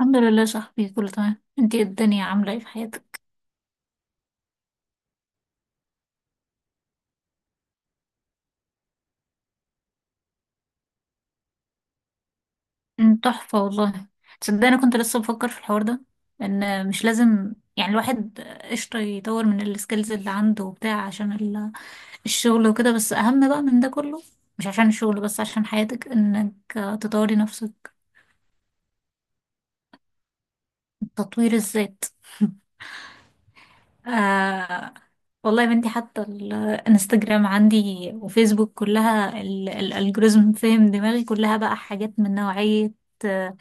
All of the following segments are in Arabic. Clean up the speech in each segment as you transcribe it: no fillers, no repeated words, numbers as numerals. الحمد لله يا صاحبي، كله تمام. انتي ايه؟ الدنيا عاملة ايه في حياتك؟ تحفة والله. تصدقني انا كنت لسه بفكر في الحوار ده، ان مش لازم يعني الواحد، قشطة، يطور من السكيلز اللي عنده وبتاع عشان الشغل وكده. بس اهم بقى من ده كله، مش عشان الشغل بس، عشان حياتك، انك تطوري نفسك. تطوير الذات. آه، والله يا بنتي حتى الانستجرام عندي وفيسبوك كلها الالجوريزم فهم دماغي، كلها بقى حاجات من نوعية آه،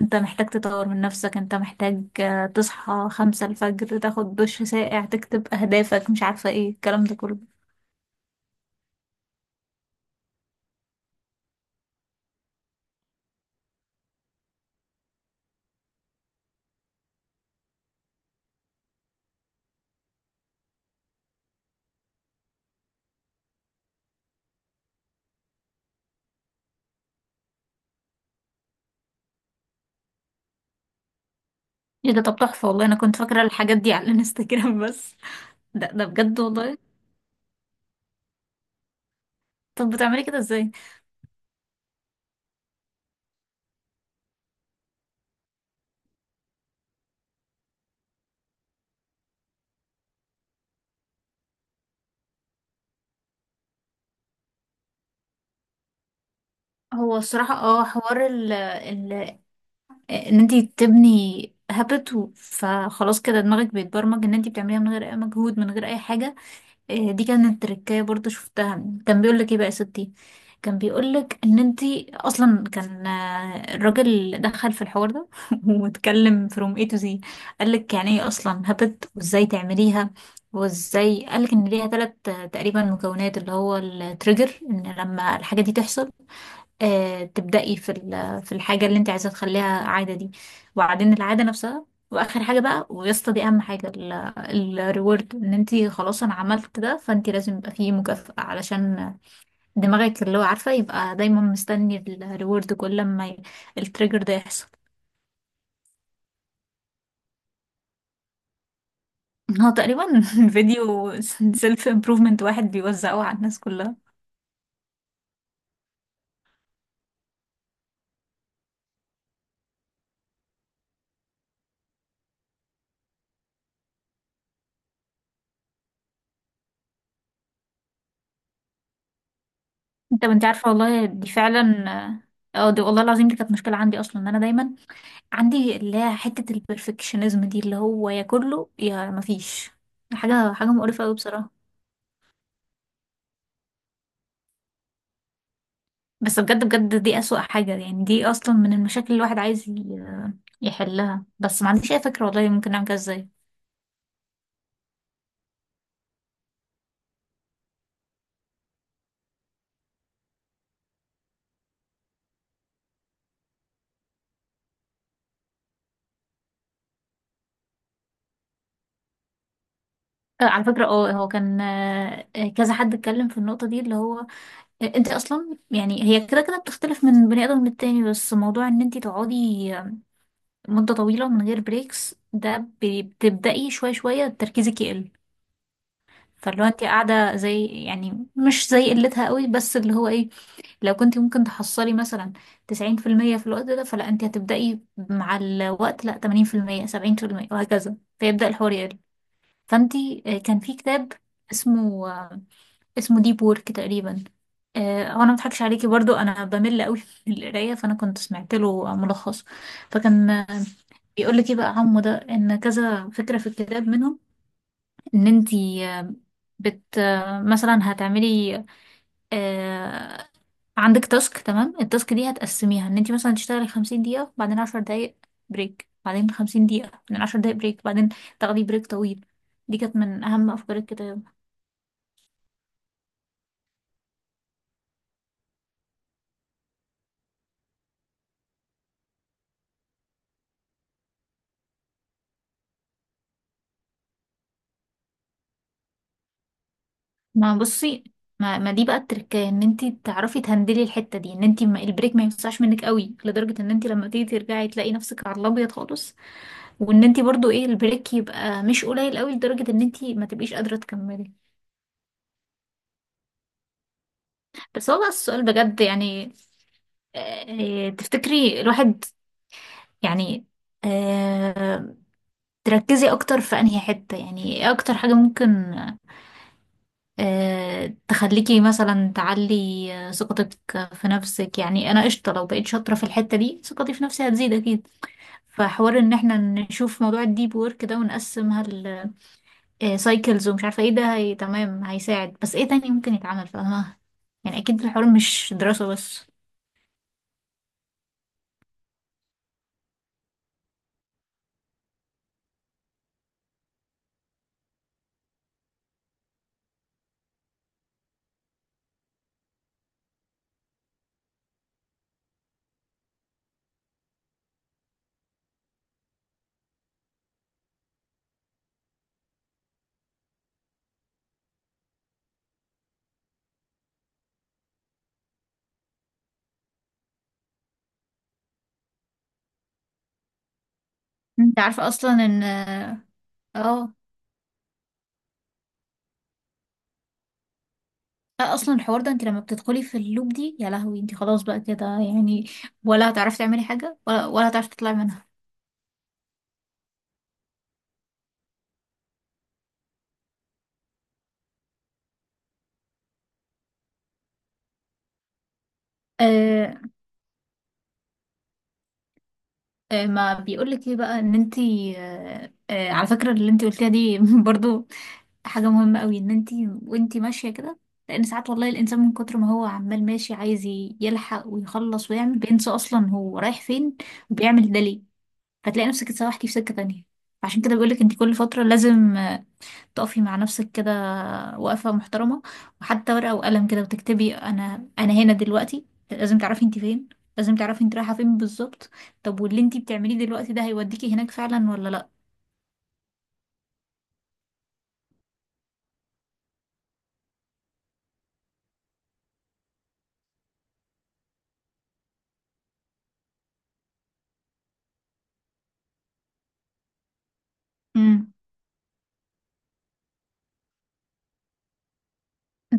انت محتاج تطور من نفسك، انت محتاج تصحى خمسة الفجر، تاخد دش ساقع، تكتب اهدافك، مش عارفة ايه الكلام ده كله. ايه ده؟ طب تحفة والله. انا كنت فاكرة الحاجات دي على الانستجرام بس. ده بجد والله. طب بتعملي كده ازاي؟ هو الصراحة اه حوار ان انت تبني هابت. فخلاص كده دماغك بيتبرمج ان انت بتعمليها من غير اي مجهود، من غير اي حاجه. آه، دي كانت تركايه برضو شفتها. كان بيقول لك ايه بقى يا ستي، كان بيقول لك ان انت اصلا كان الراجل دخل في الحوار ده واتكلم from A to Z. قال لك يعني ايه اصلا هابت، وازاي تعمليها، وازاي قال لك ان ليها ثلاث تقريبا مكونات. اللي هو التريجر، ان لما الحاجه دي تحصل تبدأي في في الحاجة اللي انت عايزة تخليها عادة دي، وبعدين العادة نفسها، واخر حاجة بقى ويا اسطى دي اهم حاجة، الريورد. ان انت خلاص انا عملت ده، فانت لازم يبقى فيه مكافأة علشان دماغك اللي هو عارفة يبقى دايما مستني الريورد كل ما التريجر ده يحصل. هو تقريبا فيديو سيلف امبروفمنت واحد بيوزعه على الناس كلها. انت ما انت عارفة والله دي فعلا، اه دي والله العظيم دي كانت مشكلة عندي اصلا، ان انا دايما عندي اللي هي حتة البرفكشنزم دي، اللي هو يا كله يا مفيش حاجة. حاجة مقرفة أوي بصراحة. بس بجد بجد دي أسوأ حاجة يعني، دي أصلا من المشاكل اللي الواحد عايز يحلها، بس ما عنديش أي فكرة والله ممكن نعمل كده ازاي. على فكرة هو كان كذا حد اتكلم في النقطة دي، اللي هو انت اصلا يعني هي كده كده بتختلف من بني ادم للتاني، بس موضوع ان انت تقعدي آه، مدة طويلة من غير بريكس، ده بتبدأي شوية شوية تركيزك يقل. فاللي هو انت قاعده زي يعني، مش زي قلتها قوي، بس اللي هو ايه، لو كنت ممكن تحصلي مثلا 90% في المية في الوقت ده، فلا انت هتبدأي مع الوقت لا 80%، 70%، وهكذا، فيبدأ الحوار يقل. فانت آه، كان في كتاب اسمه اسمه ديب وورك تقريبا. هو انا مضحكش عليكي برضو، انا بمل قوي من القرايه، فانا كنت سمعت له ملخص، فكان بيقول لك ايه بقى عمو ده، ان كذا فكره في الكتاب منهم، ان انتي آه، بت آه، مثلا هتعملي آه، عندك تاسك. تمام. التاسك دي هتقسميها، ان انتي مثلا تشتغلي 50 دقيقة، بعدين 10 دقايق بريك، بعدين 50 دقيقة، بعدين عشر دقايق بريك، بعدين تاخدي بريك طويل. دي كانت من أهم أفكار الكتاب. ما بصي، ما دي بقى التركية، ان انتي تعرفي تهندلي الحتة دي، ان انتي ما البريك ما يوسعش منك قوي لدرجة ان انتي لما تيجي ترجعي تلاقي نفسك على الأبيض خالص، وان انتي برضو ايه البريك يبقى مش قليل قوي لدرجة ان انتي ما تبقيش قادرة تكملي. بس هو بقى السؤال بجد يعني، تفتكري الواحد يعني آه، تركزي اكتر في انهي حتة، يعني ايه اكتر حاجة ممكن تخليكي مثلا تعلي ثقتك في نفسك، يعني انا قشطة لو بقيت شاطرة في الحتة دي ثقتي في نفسي هتزيد اكيد. فحوار ان احنا نشوف موضوع الديب وورك ده ونقسمها السايكلز ومش عارفة ايه ده، هي تمام هيساعد، بس ايه تاني ممكن يتعمل فاهمة؟ يعني اكيد الحوار مش دراسة بس. انت عارفة اصلا ان اه لا، اصلا الحوار ده انت لما بتدخلي في اللوب دي يا لهوي، انت خلاص بقى كده يعني، ولا هتعرفي تعملي حاجة، ولا هتعرفي تطلعي منها. آه ما بيقولك ايه بقى ان انت على فكرة اللي انت قلتيها دي برضو حاجة مهمة قوي، ان انت وانت ماشية كده، لان ساعات والله الانسان من كتر ما هو عمال ماشي عايز يلحق ويخلص ويعمل، بينسى اصلا هو رايح فين وبيعمل ده ليه، فتلاقي نفسك اتسوحتي في سكة تانية. عشان كده بيقولك انت كل فترة لازم تقفي مع نفسك كده وقفة محترمة، وحتى ورقة وقلم كده وتكتبي، أنا هنا دلوقتي، لازم تعرفي انت فين، لازم تعرفي انت رايحة فين بالظبط. طب واللي انت بتعمليه دلوقتي ده هيوديكي هناك فعلا ولا لأ؟ امم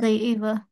زي ايه بقى؟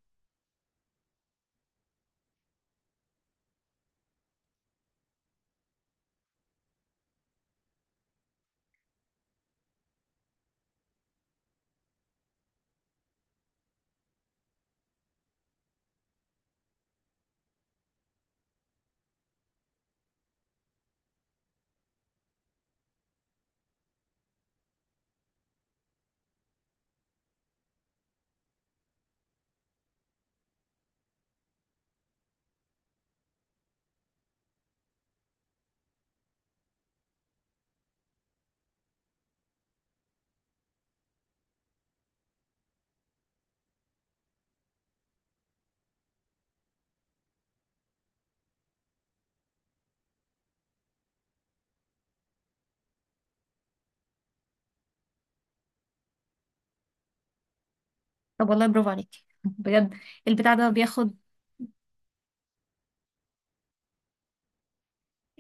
طب والله برافو عليكي بجد. البتاع ده بياخد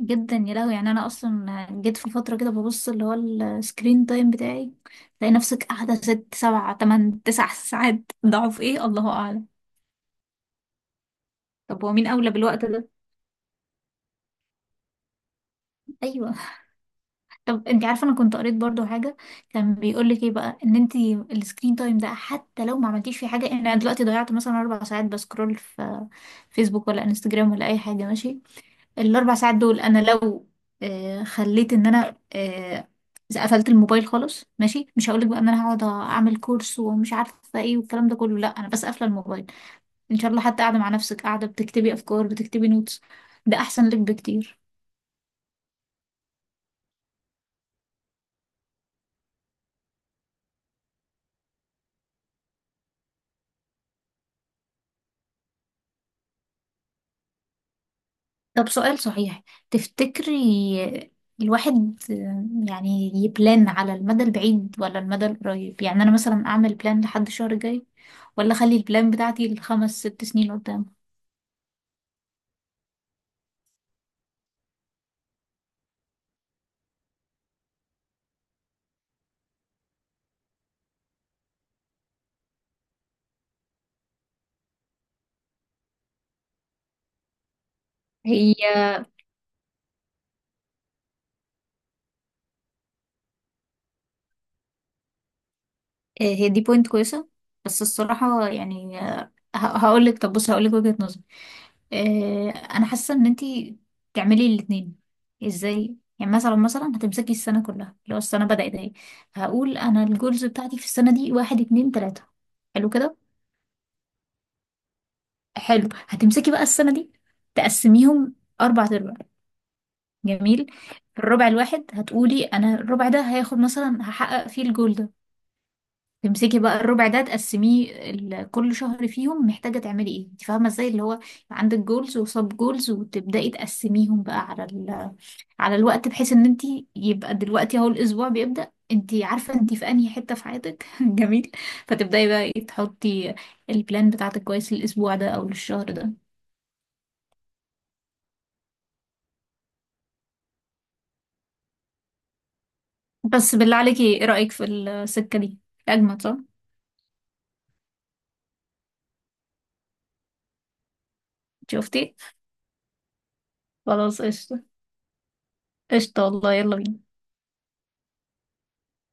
جدا يا لهوي، يعني انا اصلا جيت في فتره كده ببص اللي هو السكرين تايم بتاعي، تلاقي نفسك قاعده ست سبع تمن تسع ساعات، ضعف ايه الله اعلم. طب هو مين اولى بالوقت ده؟ ايوه. طب انت عارفه انا كنت قريت برضو حاجه، كان بيقول لك ايه بقى ان انت السكرين تايم ده حتى لو ما عملتيش فيه حاجه، يعني انا دلوقتي ضيعت مثلا 4 ساعات بسكرول في فيسبوك ولا انستجرام ولا اي حاجه ماشي، ال4 ساعات دول انا لو خليت ان انا قفلت الموبايل خالص، ماشي، مش هقولك بقى ان انا هقعد اعمل كورس ومش عارفه ايه والكلام ده كله، لا، انا بس قافله الموبايل ان شاء الله، حتى قاعده مع نفسك قاعده بتكتبي افكار، بتكتبي نوتس، ده احسن لك بكتير. طب سؤال صحيح، تفتكري الواحد يعني يبلان على المدى البعيد ولا المدى القريب؟ يعني انا مثلا اعمل بلان لحد الشهر الجاي، ولا اخلي البلان بتاعتي لخمس ست سنين قدام؟ هي هي دي بوينت كويسة. بس الصراحة يعني هقول لك، طب بص هقول لك وجهة نظري، انا حاسة ان انتي تعملي الاتنين. ازاي يعني؟ مثلا هتمسكي السنة كلها، لو السنة بدأت اهي، هقول انا الجولز بتاعتي في السنة دي واحد اتنين تلاتة، حلو كده. حلو، هتمسكي بقى السنة دي تقسميهم أربع أرباع، جميل. الربع الواحد هتقولي أنا الربع ده هياخد مثلا، هحقق فيه الجول ده، تمسكي بقى الربع ده تقسميه كل شهر فيهم محتاجة تعملي ايه، انت فاهمة ازاي اللي هو، يبقى عندك جولز وسب جولز، وتبدأي تقسميهم بقى على الوقت، بحيث ان انت يبقى دلوقتي اهو الاسبوع بيبدأ، انت عارفة انت في انهي حتة في حياتك جميل. فتبدأي بقى ايه تحطي البلان بتاعتك كويس للاسبوع ده او للشهر ده. بس بالله عليكي ايه رأيك في السكة دي؟ اجمد صح؟ شفتي. خلاص قشطة. قشطة والله يلا بينا.